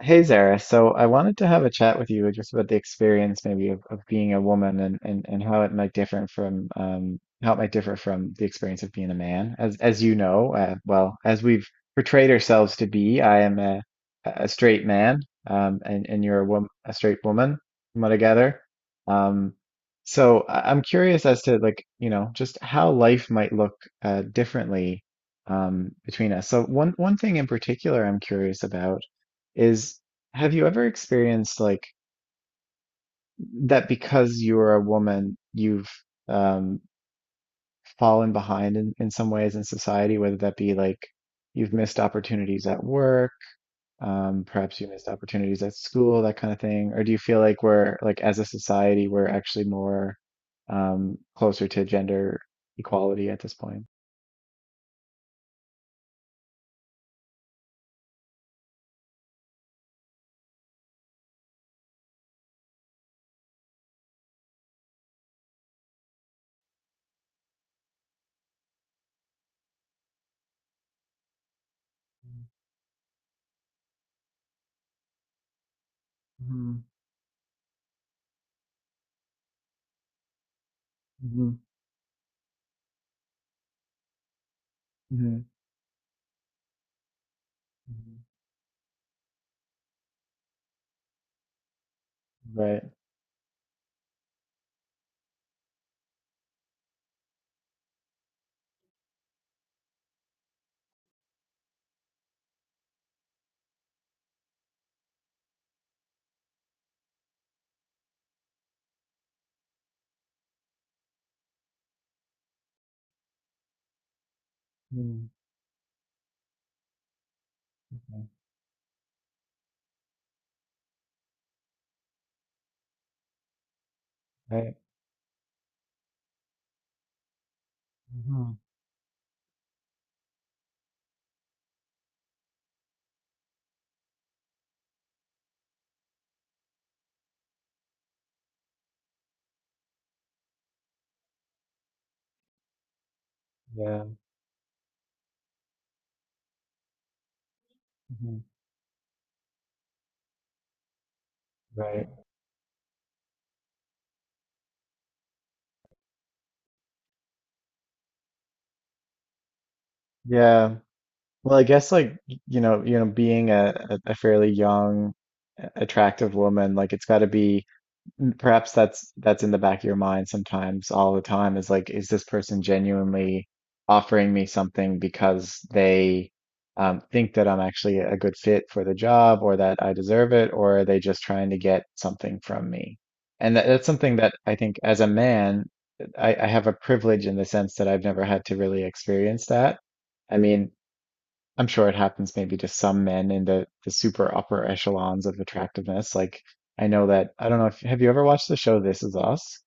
Hey Zara, so I wanted to have a chat with you just about the experience maybe of being a woman and how it might differ from the experience of being a man. As you know, as we've portrayed ourselves to be, I am a straight man, and you're a woman, a straight woman, from what I gather. Um, I'm curious as to, like, you know, just how life might look differently, between us. So one thing in particular I'm curious about is, have you ever experienced, like, that because you're a woman, you've um, fallen behind in some ways in society, whether that be like you've missed opportunities at work, perhaps you missed opportunities at school, that kind of thing? Or do you feel like we're, like, as a society, we're actually more closer to gender equality at this point? Mm-hmm. Mm-hmm. Hmm. Right. Mm-hmm. Right. Mm-hmm. Yeah. Mm-hmm. Right. Yeah. Well, I guess, like, being a a fairly young, attractive woman, like, it's got to be, mm, perhaps that's in the back of your mind sometimes, all the time, is like, is this person genuinely offering me something because they, think that I'm actually a good fit for the job or that I deserve it, or are they just trying to get something from me? And that's something that, I think, as a man, I have a privilege in the sense that I've never had to really experience that. I mean, I'm sure it happens maybe to some men in the super upper echelons of attractiveness. Like, I know that, I don't know if, have you ever watched the show This Is Us?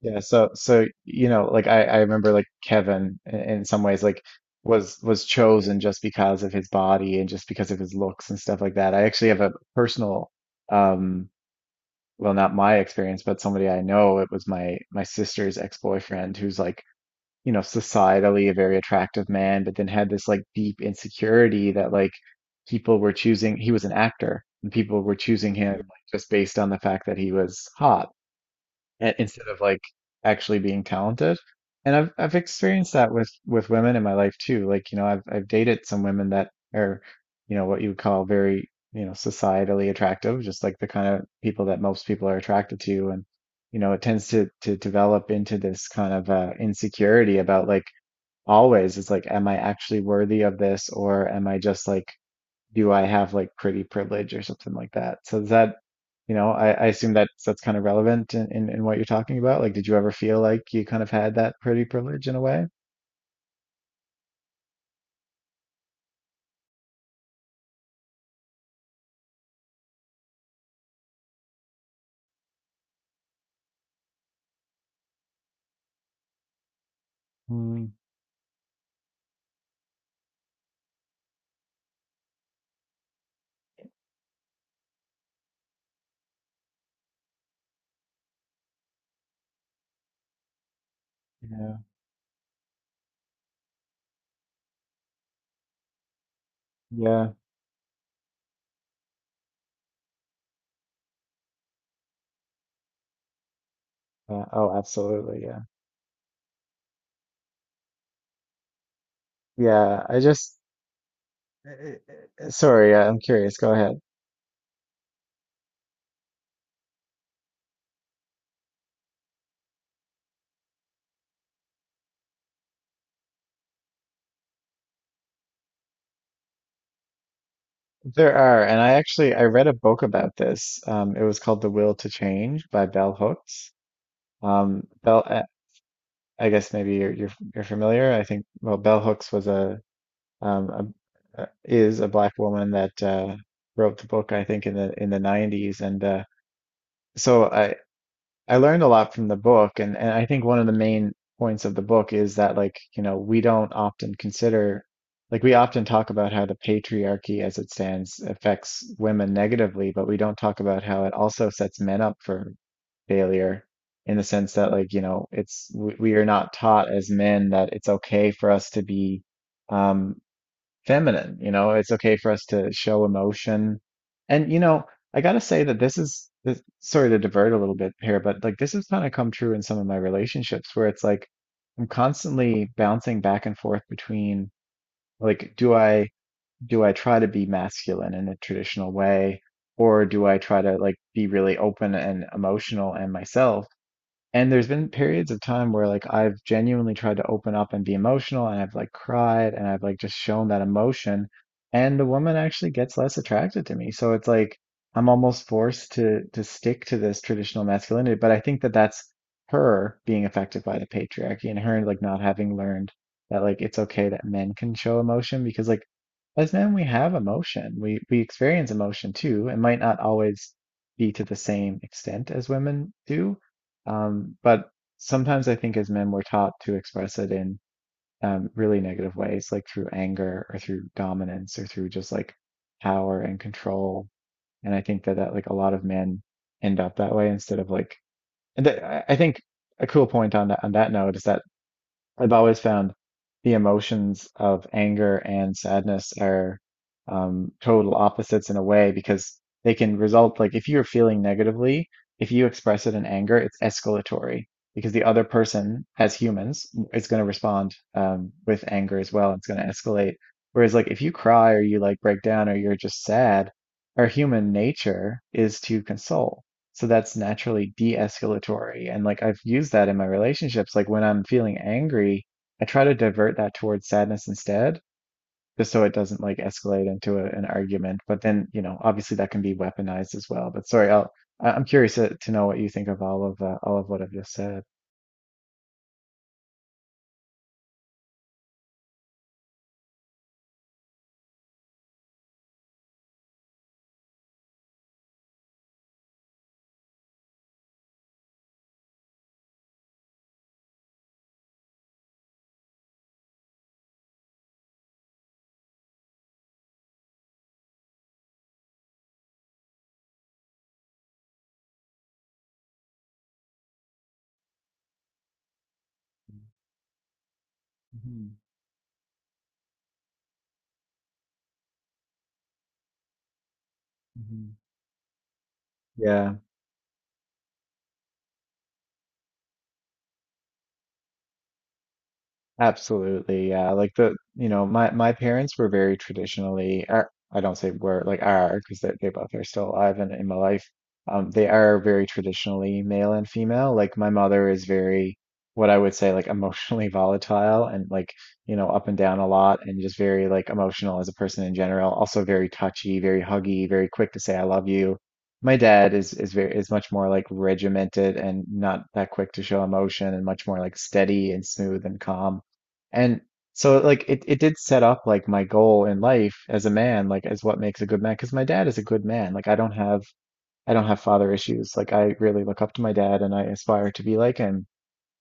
Yeah, so, you know, like, I remember, like, Kevin, in some ways, like, was chosen just because of his body and just because of his looks and stuff like that. I actually have a personal, um well, not my experience, but somebody I know. It was my sister's ex-boyfriend who's, like, you know, societally a very attractive man, but then had this, like, deep insecurity that, like, people were choosing, he was an actor and people were choosing him, like, just based on the fact that he was hot and instead of, like, actually being talented. And I've experienced that with women in my life too. Like, you know, I've dated some women that are, you know, what you would call very, you know, societally attractive, just like the kind of people that most people are attracted to. And, you know, it tends to develop into this kind of insecurity about, like, always, it's like, am I actually worthy of this, or am I just, like, do I have like pretty privilege or something like that? So is that, you know, I assume that that's kind of relevant in, in what you're talking about. Like, did you ever feel like you kind of had that pretty privilege in a way? Mm, yeah, yeah, yeah, oh absolutely, yeah, yeah. I just sorry, yeah, I'm curious, go ahead. There are, and I actually I read a book about this, um, it was called The Will to Change by Bell Hooks. um, Bell, eh, I guess maybe you're familiar. I think, well, bell hooks was a, a, is a black woman that, wrote the book. I think in the 90s, and, so I learned a lot from the book, and, I think one of the main points of the book is that, like, you know, we don't often consider, like, we often talk about how the patriarchy, as it stands, affects women negatively, but we don't talk about how it also sets men up for failure, in the sense that, like, you know, it's, we are not taught as men that it's okay for us to be, um, feminine, you know, it's okay for us to show emotion. And, you know, I gotta say that sorry to divert a little bit here, but, like, this has kind of come true in some of my relationships where it's like I'm constantly bouncing back and forth between, like, do I try to be masculine in a traditional way, or do I try to, like, be really open and emotional and myself? And there's been periods of time where, like, I've genuinely tried to open up and be emotional, and I've, like, cried, and I've, like, just shown that emotion, and the woman actually gets less attracted to me. So it's like I'm almost forced to stick to this traditional masculinity, but I think that that's her being affected by the patriarchy and her, like, not having learned that, like, it's okay that men can show emotion. Because, like, as men, we have emotion. We experience emotion too. It might not always be to the same extent as women do, but sometimes, I think, as men, we're taught to express it in, really negative ways, like through anger or through dominance or through just like power and control. And I think that that, like, a lot of men end up that way instead of, like, and I think a cool point on that note is that I've always found the emotions of anger and sadness are, total opposites in a way, because they can result, like, if you're feeling negatively, if you express it in anger, it's escalatory, because the other person, as humans, is going to respond, with anger as well. It's going to escalate. Whereas, like, if you cry or you, like, break down or you're just sad, our human nature is to console. So that's naturally de-escalatory. And, like, I've used that in my relationships. Like, when I'm feeling angry, I try to divert that towards sadness instead, just so it doesn't, like, escalate into a, an argument. But then, you know, obviously that can be weaponized as well. But sorry, I'm curious to know what you think of all of, all of what I've just said. Mhm, mhm. Yeah. Absolutely, yeah. Like, the, you know, my parents were very traditionally, are, I don't say were, like, are, because they, both are still alive and in my life. They are very traditionally male and female. Like, my mother is very, what I would say, like, emotionally volatile and, like, you know, up and down a lot and just very, like, emotional as a person in general. Also very touchy, very huggy, very quick to say I love you. My dad is very, is much more like regimented and not that quick to show emotion and much more like steady and smooth and calm. And so like it did set up, like, my goal in life as a man, like, as what makes a good man. Because my dad is a good man. Like, I don't have father issues. Like, I really look up to my dad and I aspire to be like him,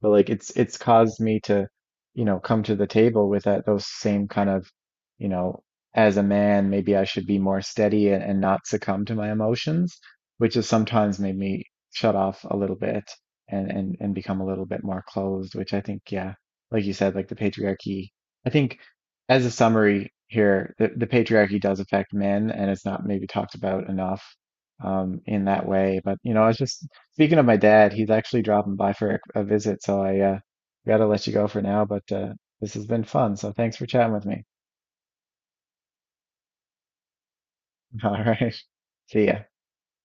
but like it's caused me to, you know, come to the table with that, those same kind of, you know, as a man maybe I should be more steady and not succumb to my emotions, which has sometimes made me shut off a little bit, and and become a little bit more closed, which I think, yeah, like you said, like the patriarchy, I think, as a summary here, the patriarchy does affect men and it's not maybe talked about enough, um, in that way, but, you know, I was just, speaking of my dad, he's actually dropping by for a visit, so I, gotta let you go for now, but, this has been fun, so thanks for chatting with me. All right. See ya.